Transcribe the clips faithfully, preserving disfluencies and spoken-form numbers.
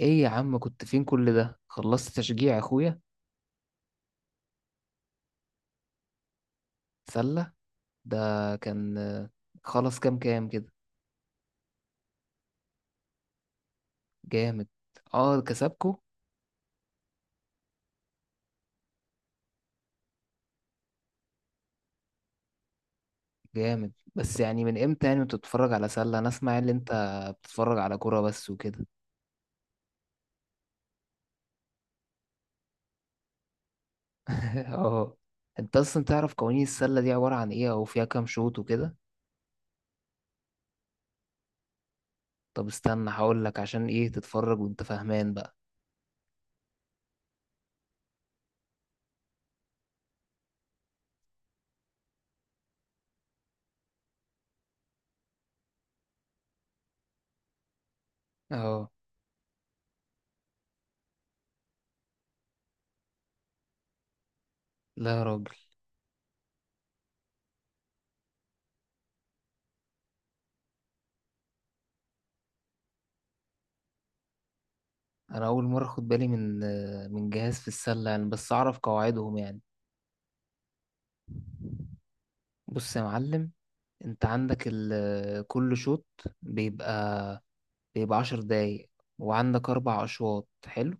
ايه يا عم؟ كنت فين كل ده؟ خلصت تشجيع اخويا؟ سلة؟ ده كان آه، خلص كام كام كده؟ جامد. اه، كسبكو؟ جامد. بس يعني من امتى يعني انت بتتفرج على سلة؟ انا اسمع ان انت بتتفرج على كورة بس وكده. اه. انت اصلا تعرف قوانين السلة دي عبارة عن ايه، او فيها كام شوط وكده؟ طب استنى هقول لك عشان ايه تتفرج وانت فاهمان بقى. اه. لا يا راجل، انا اول مرة اخد بالي من آه، من جهاز في السلة يعني، بس اعرف قواعدهم يعني. بص يا معلم، انت عندك ال- كل شوط بيبقى بيبقى عشر دقايق، وعندك اربع اشواط. حلو.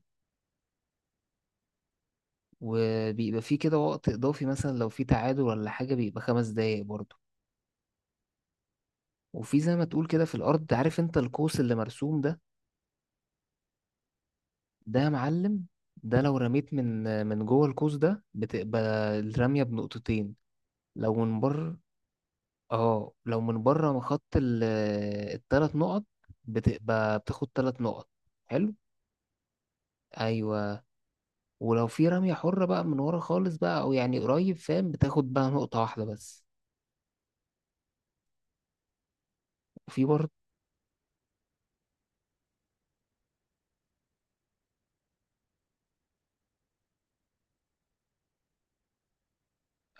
وبيبقى فيه كده وقت اضافي مثلا لو في تعادل ولا حاجة، بيبقى خمس دقايق برضه. وفي زي ما تقول كده في الارض، عارف انت القوس اللي مرسوم ده؟ ده يا معلم، ده لو رميت من من جوه القوس ده بتبقى الرمية بنقطتين. لو من بره، اه، لو من بره من خط ال- التلات نقط، بتبقى بتاخد تلات نقط. حلو. ايوه. ولو في رمية حرة بقى من ورا خالص بقى أو يعني قريب فاهم، بتاخد بقى نقطة واحدة بس. وفي برضه،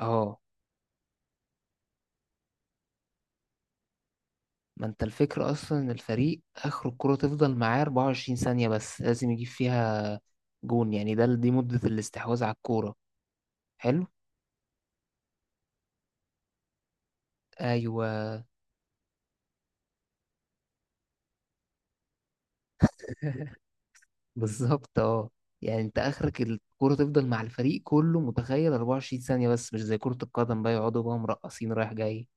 اه. ما انت الفكرة أصلا إن الفريق آخر الكرة تفضل معاه أربع وعشرين ثانية بس، لازم يجيب فيها جون يعني. ده دي مدة الاستحواذ على الكورة. حلو. أيوه. بالظبط، اه. يعني انت آخرك الكرة تفضل مع الفريق كله متخيل اربعة وعشرين ثانية بس، مش زي كرة القدم بقى يقعدوا بقى مرقصين رايح جاي.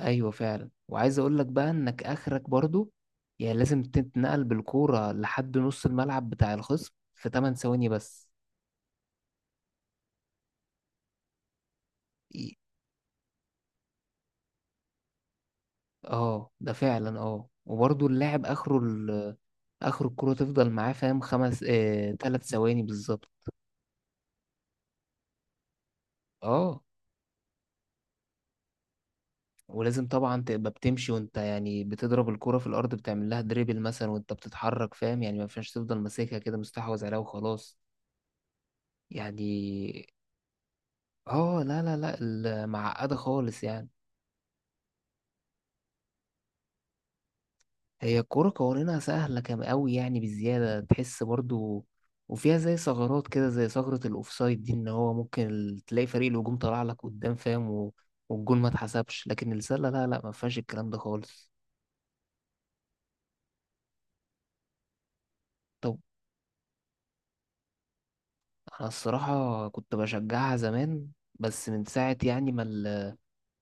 ايوه فعلا. وعايز اقول لك بقى انك اخرك برضو، يعني لازم تتنقل بالكوره لحد نص الملعب بتاع الخصم في ثماني ثواني بس. ي- اه، ده فعلا. اه، وبرضو اللاعب اخره ال- اخر الكوره تفضل معاه فاهم خمس آه... ثلاث ثواني بالظبط. اه. ولازم طبعا تبقى بتمشي وانت يعني بتضرب الكوره في الارض، بتعمل لها دريبل مثلا وانت بتتحرك فاهم. يعني ما ينفعش تفضل ماسكها كده مستحوذ عليها وخلاص يعني. اه. لا لا لا ال- معقده خالص يعني. هي الكورة قوانينها سهلة كم أوي يعني، بالزيادة تحس برضو. وفيها زي ثغرات كده زي ثغرة الأوفسايد دي، إن هو ممكن ال- تلاقي فريق الهجوم طلع لك قدام فاهم و... والجون ما اتحسبش. لكن السلة لا لا، ما فيهاش الكلام ده خالص. طب. أنا الصراحة كنت بشجعها زمان، بس من ساعة يعني ما ال-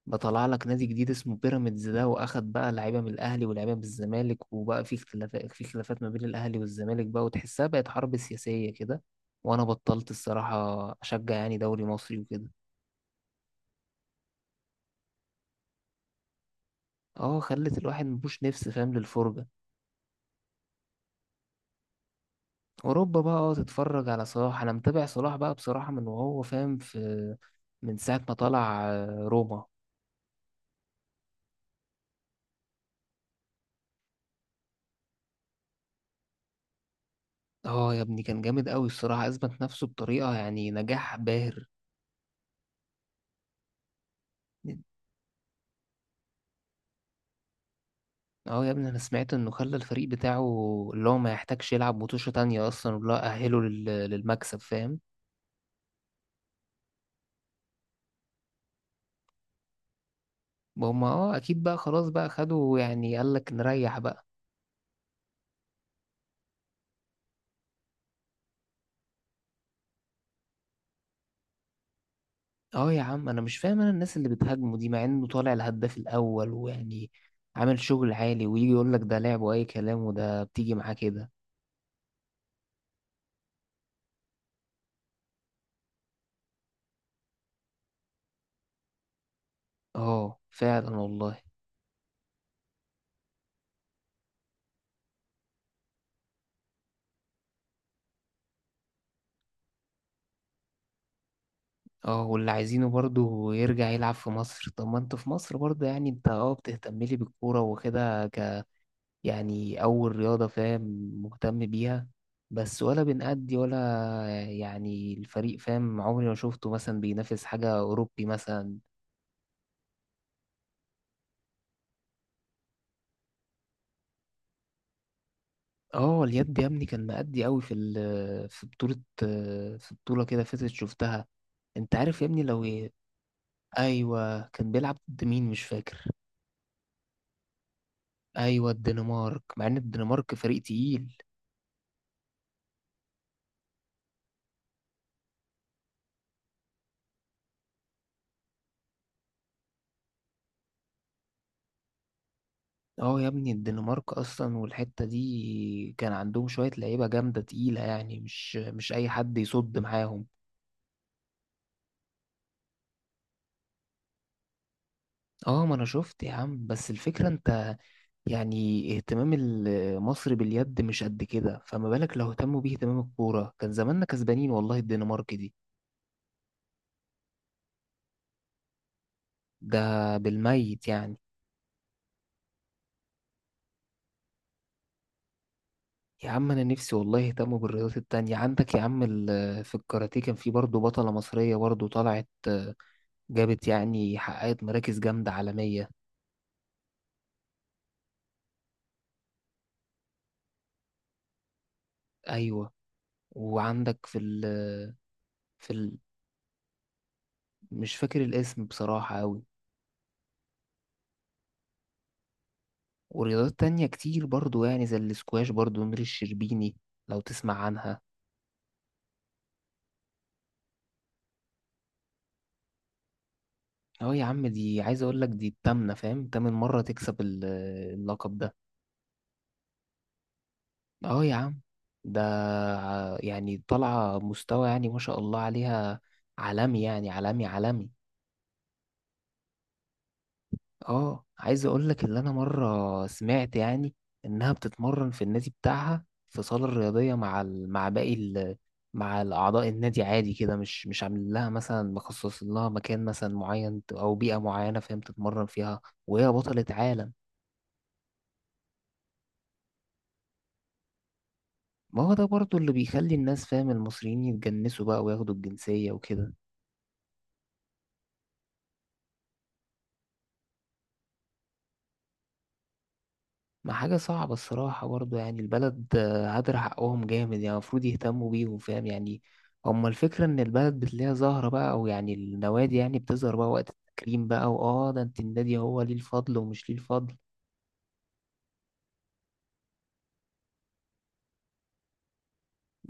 ده طلع لك نادي جديد اسمه بيراميدز ده، واخد بقى لعيبه من الاهلي ولاعيبه من الزمالك، وبقى في اختلافات، في خلافات ما بين الاهلي والزمالك بقى، وتحسها بقت حرب سياسيه كده، وانا بطلت الصراحه اشجع يعني دوري مصري وكده. اه، خلت الواحد مبوش نفس فاهم للفرجه. اوروبا بقى، اه، تتفرج على صلاح. انا متابع صلاح بقى بصراحه من وهو فاهم في، من ساعه ما طلع آه، روما. اه يا ابني، كان جامد قوي الصراحه، اثبت نفسه بطريقه يعني نجاح باهر. اه يا ابني انا سمعت انه خلى الفريق بتاعه اللي هو ما يحتاجش يلعب متوشة تانية اصلا ولا اهله لل- للمكسب فاهم. هما اه اكيد بقى، خلاص بقى خدوا، يعني قال لك نريح بقى. اه يا عم انا مش فاهم، انا الناس اللي بتهاجمه دي مع انه طالع الهداف الاول ويعني عامل شغل عالي، ويجي يقول لك ده لعب واي كلام، وده بتيجي معاه كده. اه فعلا والله. اه، واللي عايزينه برضه يرجع يلعب في مصر. طب ما انت في مصر برضه يعني، انت اه بتهتم لي بالكورة وكده، يعني أول رياضة فاهم مهتم بيها، بس ولا بنأدي ولا، يعني الفريق فاهم عمري ما شفته مثلا بينافس حاجة أوروبي مثلا. اه، اليد يا ابني كان مأدي قوي في ال- في بطولة، في بطولة كده فاتت شفتها. انت عارف يا ابني لو ايه. ايوه كان بيلعب ضد مين مش فاكر. ايوه الدنمارك، مع ان الدنمارك فريق تقيل. اه يا ابني الدنمارك اصلا والحتة دي كان عندهم شوية لعيبة جامدة تقيلة، يعني مش مش اي حد يصد معاهم. اه ما انا شفت يا عم، بس الفكرة انت يعني اهتمام ال- مصر باليد مش قد كده، فما بالك لو اهتموا بيه اهتمام الكورة؟ كان زماننا كسبانين والله الدنمارك دي. ده بالميت يعني. يا عم انا نفسي والله يهتموا بالرياضات التانية. عندك يا عم ال- في الكاراتيه كان في برضه بطلة مصرية برضه طلعت، جابت يعني حققت مراكز جامدة عالمية. ايوه، وعندك في ال في ال مش فاكر الاسم بصراحة أوي. ورياضات تانية كتير برضو يعني، زي الاسكواش برضو نور الشربيني لو تسمع عنها. اه يا عم، دي عايز اقول لك دي التامنة فاهم، تامن مرة تكسب ال- اللقب ده. اه يا عم. ده يعني طالعة مستوى يعني ما شاء الله عليها، عالمي يعني، عالمي عالمي. اه، عايز اقول لك اللي انا مره سمعت، يعني انها بتتمرن في النادي بتاعها في صاله رياضيه مع ال... مع باقي ال... مع الاعضاء النادي عادي كده، مش مش عامل لها مثلا مخصص لها مكان مثلا معين، ت- او بيئه معينه فاهم تتمرن فيها، وهي بطله عالم. ما هو ده برضو اللي بيخلي الناس فاهم المصريين يتجنسوا بقى وياخدوا الجنسيه وكده. ما حاجة صعبة الصراحة برضو يعني، البلد آه، هدر حقهم جامد يعني، المفروض يهتموا بيهم فاهم يعني. هما الفكرة إن البلد بتلاقيها زهرة بقى، أو يعني النوادي يعني بتظهر بقى وقت التكريم بقى، وآه ده أنت النادي هو ليه الفضل ومش ليه الفضل.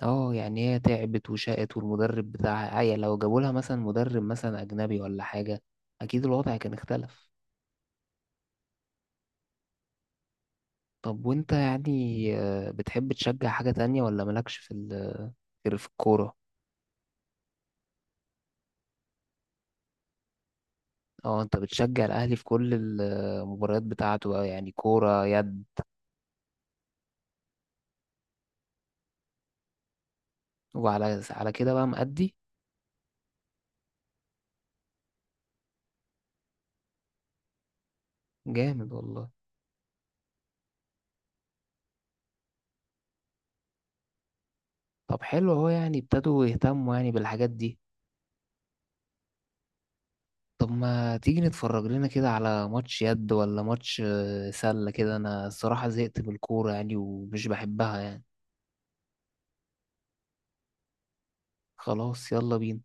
آه يعني هي تعبت وشقت، والمدرب بتاعها عيا. لو جابوا لها مثلا مدرب مثلا أجنبي ولا حاجة أكيد الوضع كان اختلف. طب وأنت يعني آه، بتحب تشجع حاجة تانية، ولا مالكش في ال- غير في الكورة؟ اه، انت بتشجع الاهلي في كل المباريات بتاعته بقى يعني كورة يد. وعلى على كده بقى مأدي. جامد والله. طب حلو اهو، يعني ابتدوا يهتموا يعني بالحاجات دي. طب ما تيجي نتفرج لنا كده على ماتش يد ولا ماتش آه، سلة كده؟ انا الصراحة زهقت من الكورة يعني ومش بحبها يعني. خلاص، يلا بينا.